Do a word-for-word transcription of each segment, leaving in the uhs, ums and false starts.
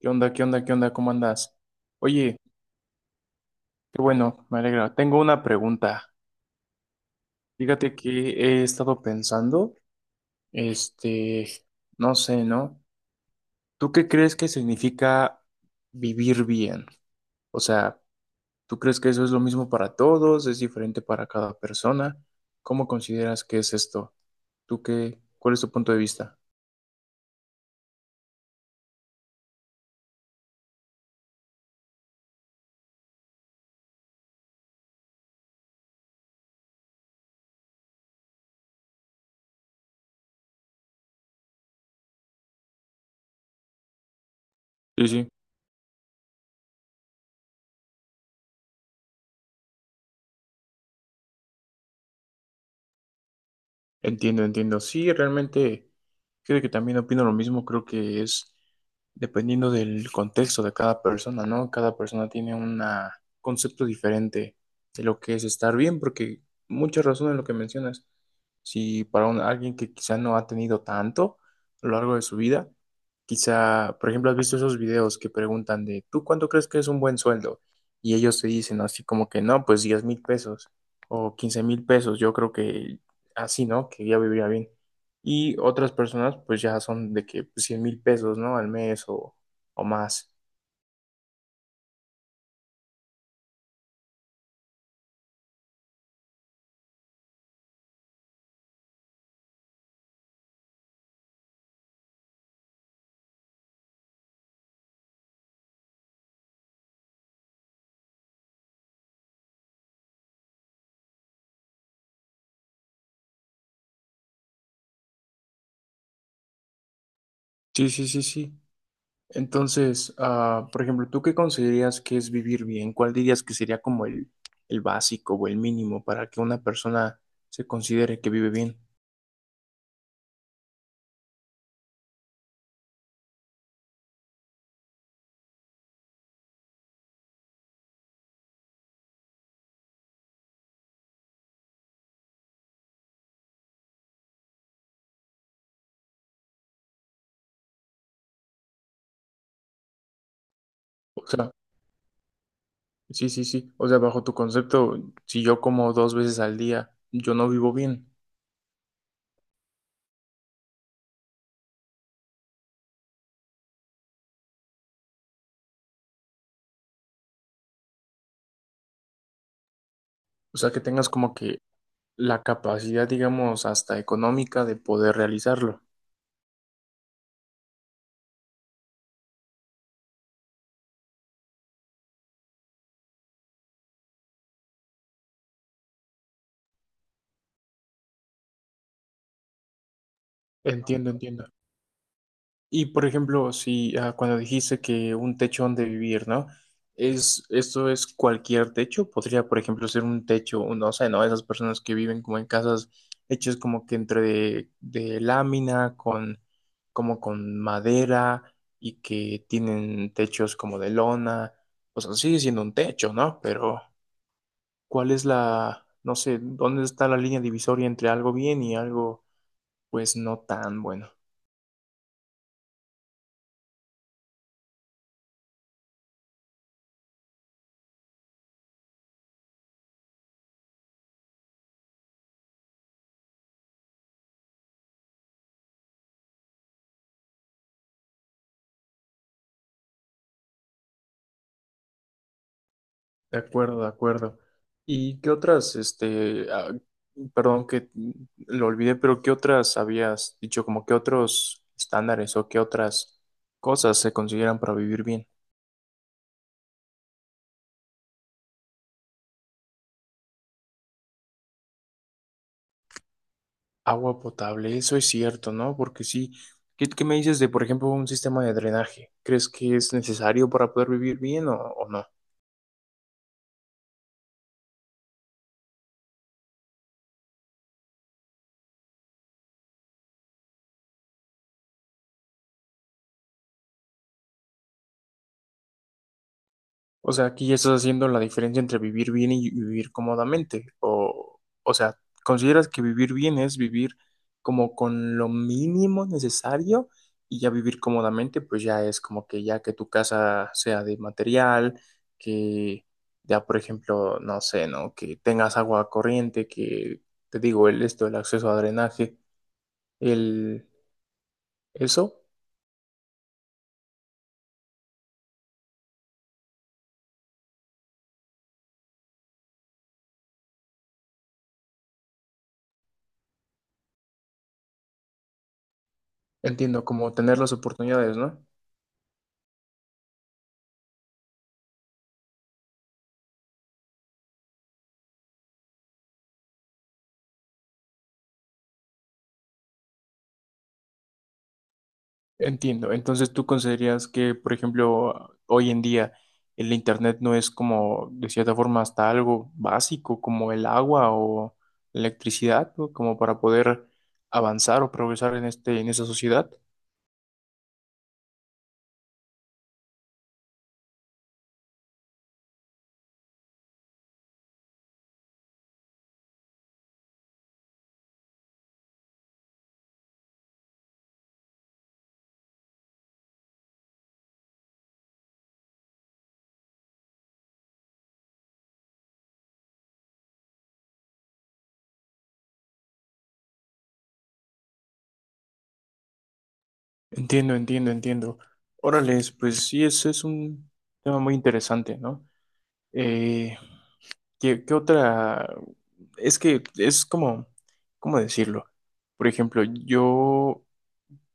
¿Qué onda? ¿Qué onda? ¿Qué onda? ¿Cómo andas? Oye, qué bueno, me alegra. Tengo una pregunta. Fíjate que he estado pensando, este, no sé, ¿no? ¿Tú qué crees que significa vivir bien? O sea, ¿tú crees que eso es lo mismo para todos? ¿Es diferente para cada persona? ¿Cómo consideras que es esto? ¿Tú qué? ¿Cuál es tu punto de vista? Sí, sí. Entiendo, entiendo. Sí, realmente creo que también opino lo mismo. Creo que es dependiendo del contexto de cada persona, ¿no? Cada persona tiene un concepto diferente de lo que es estar bien, porque mucha razón en lo que mencionas. Si para un- alguien que quizá no ha tenido tanto a lo largo de su vida, quizá, por ejemplo, has visto esos videos que preguntan de, ¿tú cuánto crees que es un buen sueldo? Y ellos te dicen así como que no, pues diez mil pesos o quince mil pesos. Yo creo que así, ¿no? Que ya vivía bien. Y otras personas, pues ya son de que pues, cien mil pesos, ¿no? Al mes o, o más. Sí, sí, sí, sí. Entonces, ah, por ejemplo, ¿tú qué consideras que es vivir bien? ¿Cuál dirías que sería como el, el básico o el mínimo para que una persona se considere que vive bien? O sea, sí, sí, sí. O sea, bajo tu concepto, si yo como dos veces al día, yo no vivo bien. O sea, que tengas como que la capacidad, digamos, hasta económica de poder realizarlo. Entiendo, entiendo. Y por ejemplo, si ah, cuando dijiste que un techo donde vivir, ¿no? Es, esto es cualquier techo, podría, por ejemplo, ser un techo, un- no sé, ¿no? Esas personas que viven como en casas hechas como que entre de, de lámina, con, como con madera, y que tienen techos como de lona. O sea, sigue siendo un techo, ¿no? Pero, ¿cuál es la, no sé, dónde está la línea divisoria entre algo bien y algo, pues, no tan bueno? De acuerdo, de acuerdo. ¿Y qué otras, este, ah, perdón que lo olvidé, pero qué otras habías dicho, como qué otros estándares o qué otras cosas se consideran para vivir bien? Agua potable, eso es cierto, ¿no? Porque sí, ¿qué, qué me dices de, por ejemplo, un sistema de drenaje? ¿Crees que es necesario para poder vivir bien o, o no? O sea, aquí ya estás haciendo la diferencia entre vivir bien y vivir cómodamente. O, o sea, ¿consideras que vivir bien es vivir como con lo mínimo necesario y ya vivir cómodamente, pues ya es como que ya que tu casa sea de material, que ya, por ejemplo, no sé, ¿no? Que tengas agua corriente, que te digo, el esto, el acceso a drenaje, el eso, entiendo, como tener las oportunidades, ¿no? Entiendo. Entonces, ¿tú considerarías que, por ejemplo, hoy en día el internet no es como, de cierta forma, hasta algo básico como el agua o la electricidad, ¿no? Como para poder avanzar o progresar en este, en esa sociedad? Entiendo, entiendo, entiendo. Órales, pues sí, ese es un tema muy interesante, ¿no? Eh, ¿qué, qué otra? Es que es como, ¿cómo decirlo? Por ejemplo, yo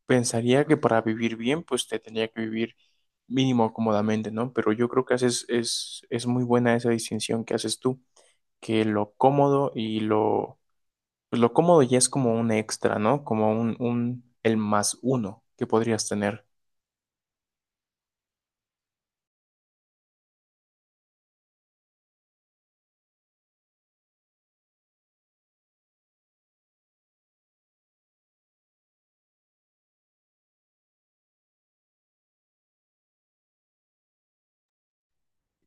pensaría que para vivir bien, pues te tendría que vivir mínimo cómodamente, ¿no? Pero yo creo que haces, es, es muy buena esa distinción que haces tú, que lo cómodo y lo, pues lo cómodo ya es como un extra, ¿no? Como un, un, el más uno que podrías tener.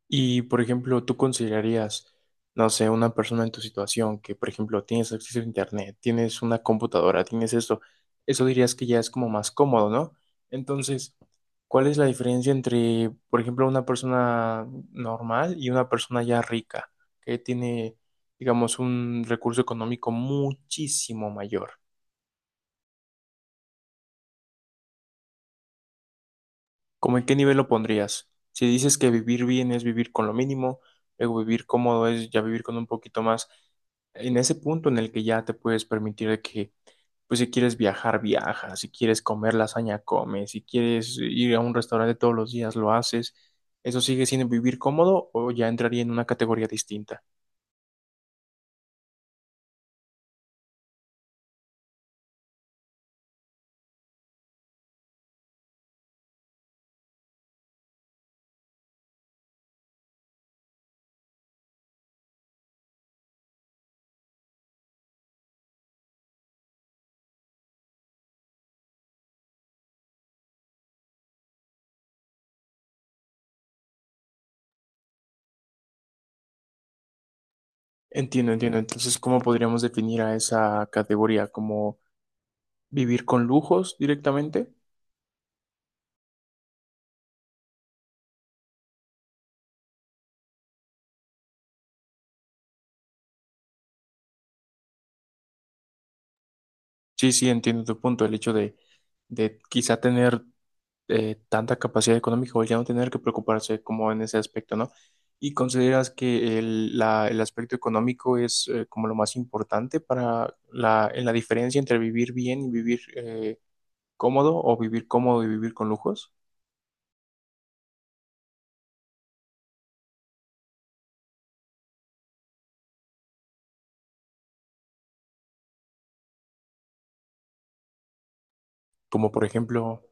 Y, por ejemplo, tú considerarías, no sé, una persona en tu situación que, por ejemplo, tienes acceso a internet, tienes una computadora, tienes esto, eso dirías que ya es como más cómodo, ¿no? Entonces, ¿cuál es la diferencia entre, por ejemplo, una persona normal y una persona ya rica, que tiene, digamos, un recurso económico muchísimo mayor? ¿Cómo en qué nivel lo pondrías? Si dices que vivir bien es vivir con lo mínimo, luego vivir cómodo es ya vivir con un poquito más, en ese punto en el que ya te puedes permitir de que, pues si quieres viajar, viajas, si quieres comer lasaña, comes, si quieres ir a un restaurante todos los días, lo haces. ¿Eso sigue siendo vivir cómodo o ya entraría en una categoría distinta? Entiendo, entiendo. Entonces, ¿cómo podríamos definir a esa categoría? ¿Como vivir con lujos directamente? Sí, sí, entiendo tu punto. El hecho de, de quizá tener eh, tanta capacidad económica o ya no tener que preocuparse como en ese aspecto, ¿no? ¿Y consideras que el, la- el aspecto económico es eh, como lo más importante para la, en la diferencia entre vivir bien y vivir eh, cómodo o vivir cómodo y vivir con lujos? Como por ejemplo,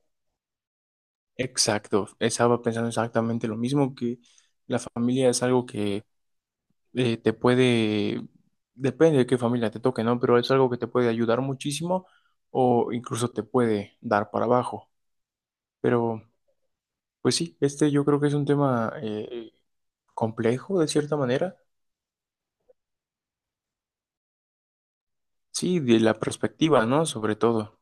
exacto, estaba pensando exactamente lo mismo, que familia es algo que eh, te puede, depende de qué familia te toque, ¿no? Pero es algo que te puede ayudar muchísimo o incluso te puede dar para abajo. Pero, pues sí, este yo creo que es un tema eh, complejo de cierta manera. Sí, de la perspectiva, ¿no? Sobre todo.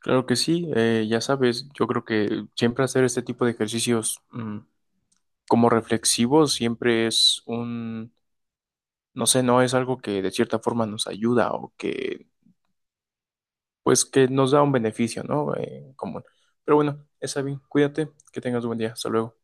Claro que sí, eh, ya sabes, yo creo que siempre hacer este tipo de ejercicios mm, como reflexivos siempre es un, no sé, no es algo que de cierta forma nos ayuda o que pues que nos da un beneficio, ¿no? Eh, común. Pero bueno, esa bien, cuídate, que tengas un buen día, hasta luego.